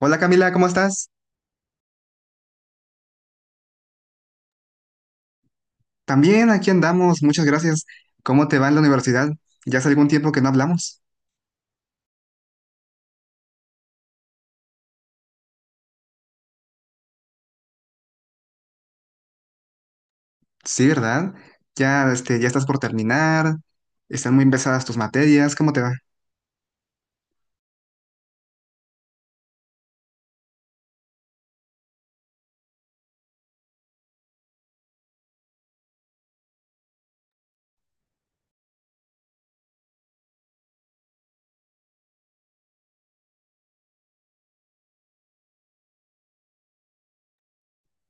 Hola Camila, ¿cómo estás? También aquí andamos, muchas gracias. ¿Cómo te va en la universidad? Ya hace algún tiempo que no hablamos. Sí, ¿verdad? Ya, este, ya estás por terminar, están muy pesadas tus materias, ¿cómo te va?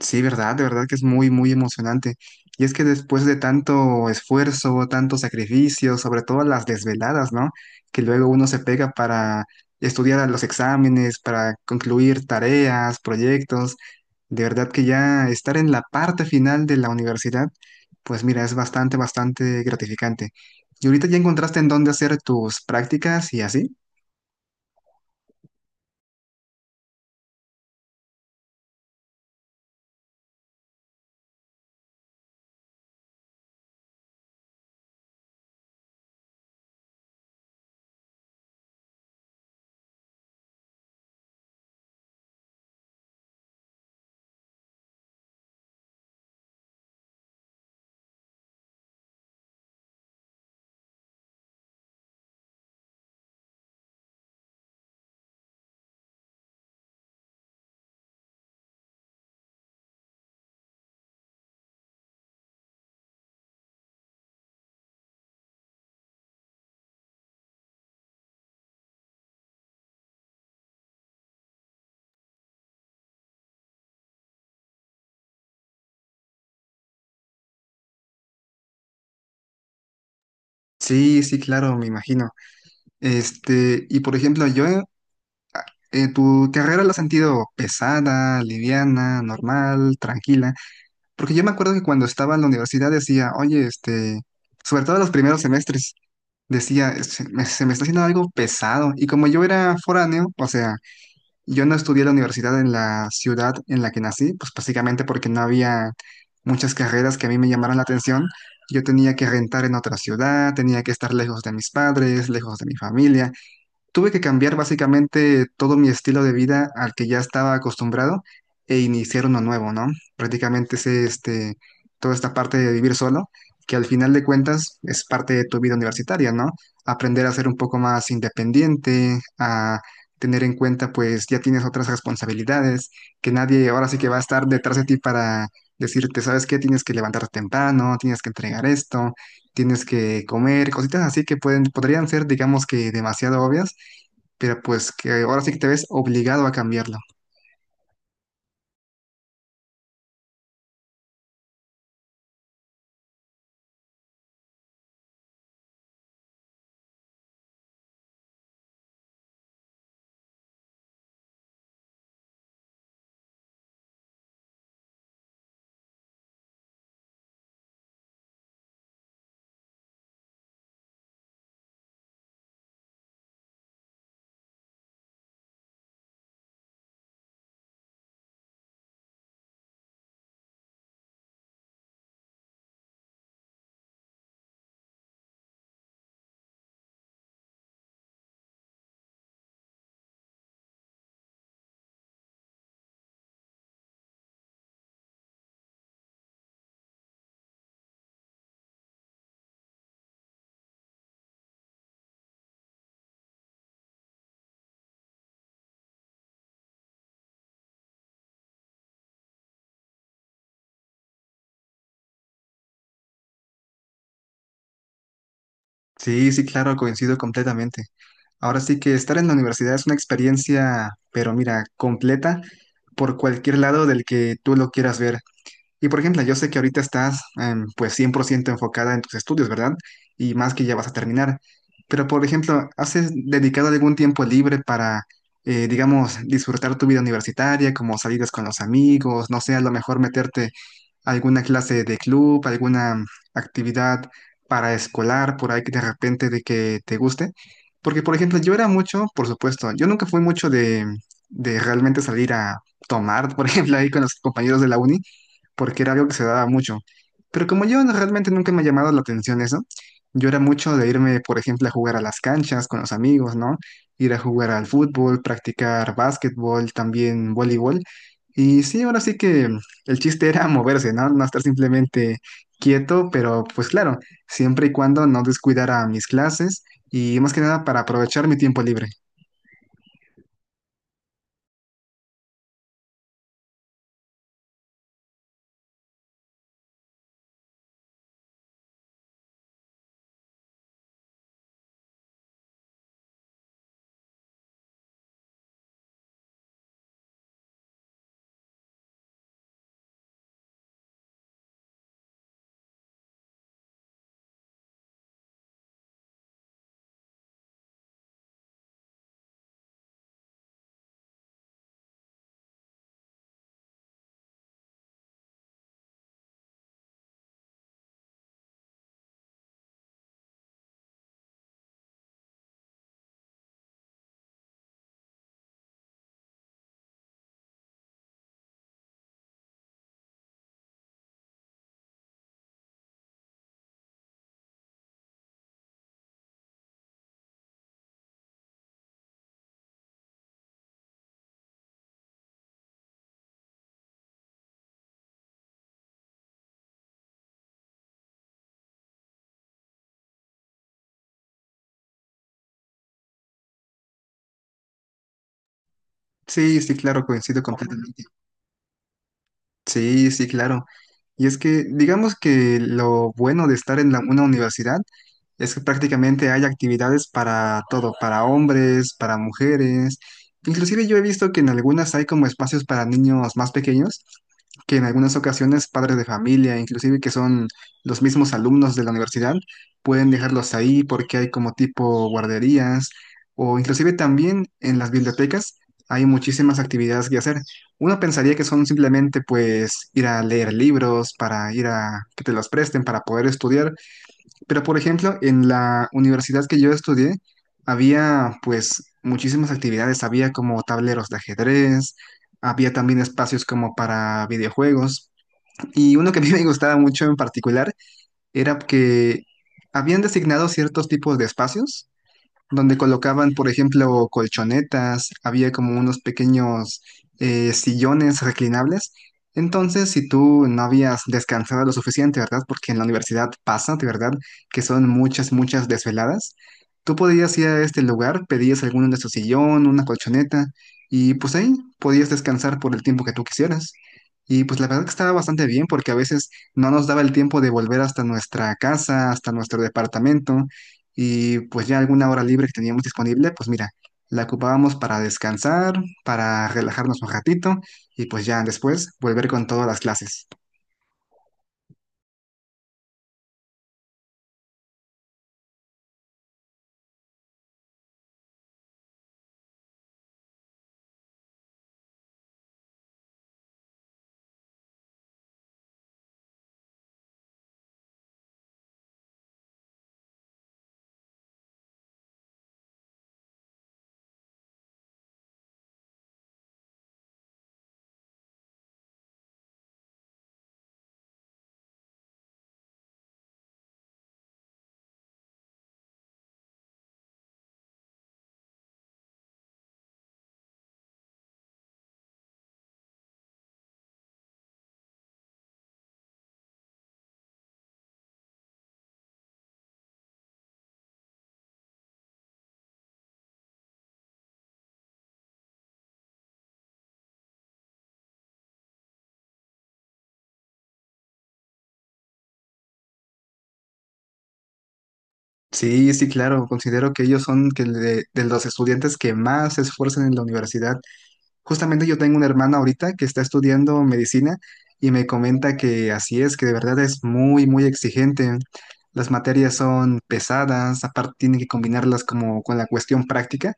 Sí, ¿verdad? De verdad que es muy, muy emocionante. Y es que después de tanto esfuerzo, tanto sacrificio, sobre todo las desveladas, ¿no? Que luego uno se pega para estudiar a los exámenes, para concluir tareas, proyectos. De verdad que ya estar en la parte final de la universidad, pues mira, es bastante, bastante gratificante. ¿Y ahorita ya encontraste en dónde hacer tus prácticas y así? Sí, sí, claro, me imagino. Este, y por ejemplo, yo, ¿tu carrera la has sentido pesada, liviana, normal, tranquila? Porque yo me acuerdo que cuando estaba en la universidad decía, oye, este, sobre todo en los primeros semestres, decía, se me está haciendo algo pesado. Y como yo era foráneo, o sea, yo no estudié la universidad en la ciudad en la que nací, pues básicamente porque no había muchas carreras que a mí me llamaran la atención. Yo tenía que rentar en otra ciudad, tenía que estar lejos de mis padres, lejos de mi familia. Tuve que cambiar básicamente todo mi estilo de vida al que ya estaba acostumbrado e iniciar uno nuevo, ¿no? Prácticamente es este, toda esta parte de vivir solo, que al final de cuentas es parte de tu vida universitaria, ¿no? Aprender a ser un poco más independiente, a tener en cuenta, pues ya tienes otras responsabilidades, que nadie ahora sí que va a estar detrás de ti para decirte, ¿sabes qué? Tienes que levantarte temprano, tienes que entregar esto, tienes que comer, cositas así que pueden, podrían ser, digamos que demasiado obvias, pero pues que ahora sí que te ves obligado a cambiarlo. Sí, sí, claro, coincido completamente. Ahora sí que estar en la universidad es una experiencia, pero mira, completa por cualquier lado del que tú lo quieras ver. Y por ejemplo, yo sé que ahorita estás pues 100% enfocada en tus estudios, ¿verdad? Y más que ya vas a terminar. Pero por ejemplo, ¿ dedicado algún tiempo libre para, digamos, disfrutar tu vida universitaria, como salidas con los amigos, no sé, a lo mejor meterte a alguna clase de club, alguna actividad para escolar, por ahí que de repente de que te guste? Porque por ejemplo, yo era mucho, por supuesto, yo nunca fui mucho de realmente salir a tomar, por ejemplo, ahí con los compañeros de la uni porque era algo que se daba mucho. Pero como yo no- realmente nunca me ha llamado la atención eso, yo era mucho de irme, por ejemplo, a jugar a las canchas con los amigos, ¿no? Ir a jugar al fútbol, practicar básquetbol, también voleibol. Y sí, ahora sí que el chiste era moverse, ¿no? No estar simplemente quieto, pero pues claro, siempre y cuando no descuidara mis clases y más que nada para aprovechar mi tiempo libre. Sí, sí, claro, coincido completamente. Sí, sí, claro. Y es que digamos que lo bueno de estar en una universidad es que prácticamente hay actividades para todo, para hombres, para mujeres. Inclusive yo he visto que en algunas hay como espacios para niños más pequeños, que en algunas ocasiones padres de familia, inclusive que son los mismos alumnos de la universidad, pueden dejarlos ahí porque hay como tipo guarderías, o inclusive también en las bibliotecas hay muchísimas actividades que hacer. Uno pensaría que son simplemente pues ir a leer libros, para ir a que te los presten, para poder estudiar, pero, por ejemplo, en la universidad que yo estudié, había pues muchísimas actividades, había como tableros de ajedrez, había también espacios como para videojuegos. Y uno que a mí me gustaba mucho en particular era que habían designado ciertos tipos de espacios donde colocaban, por ejemplo, colchonetas, había como unos pequeños sillones reclinables. Entonces, si tú no habías descansado lo suficiente, ¿verdad? Porque en la universidad pasa, de verdad, que son muchas, muchas desveladas. Tú podías ir a este lugar, pedías alguno de su sillón, una colchoneta, y pues ahí podías descansar por el tiempo que tú quisieras. Y pues la verdad que estaba bastante bien porque a veces no nos daba el tiempo de volver hasta nuestra casa, hasta nuestro departamento. Y pues ya alguna hora libre que teníamos disponible, pues mira, la ocupábamos para descansar, para relajarnos un ratito y pues ya después volver con todas las clases. Sí, sí, claro, considero que ellos son que de los estudiantes que más se esfuerzan en la universidad. Justamente yo tengo una hermana ahorita que está estudiando medicina y me comenta que así es, que de verdad es muy, muy exigente. Las materias son pesadas, aparte tienen que combinarlas como con la cuestión práctica,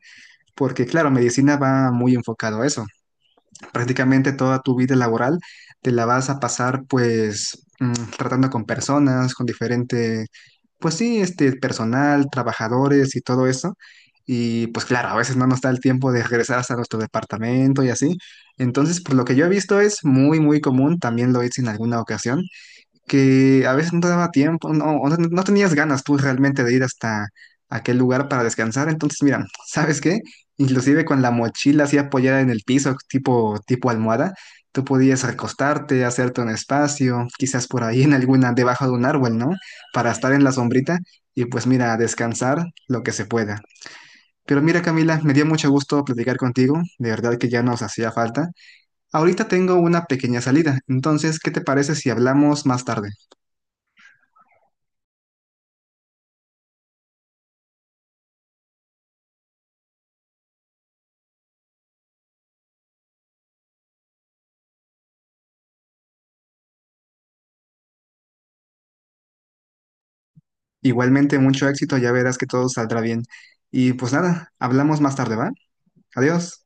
porque claro, medicina va muy enfocado a eso. Prácticamente toda tu vida laboral te la vas a pasar pues tratando con personas, con diferente, pues sí, este personal, trabajadores y todo eso. Y pues claro, a veces no nos da el tiempo de regresar hasta nuestro departamento y así. Entonces, por lo que yo he visto es muy, muy común, también lo hice en alguna ocasión, que a veces no te daba tiempo, no, o no tenías ganas tú realmente de ir hasta aquel lugar para descansar. Entonces, mira, ¿sabes qué? Inclusive con la mochila así apoyada en el piso, tipo, tipo almohada, tú podías recostarte, hacerte un espacio, quizás por ahí en alguna, debajo de un árbol, ¿no? Para estar en la sombrita y pues mira, descansar lo que se pueda. Pero mira, Camila, me dio mucho gusto platicar contigo, de verdad que ya nos hacía falta. Ahorita tengo una pequeña salida, entonces, ¿qué te parece si hablamos más tarde? Igualmente, mucho éxito, ya verás que todo saldrá bien. Y pues nada, hablamos más tarde, ¿va? Adiós.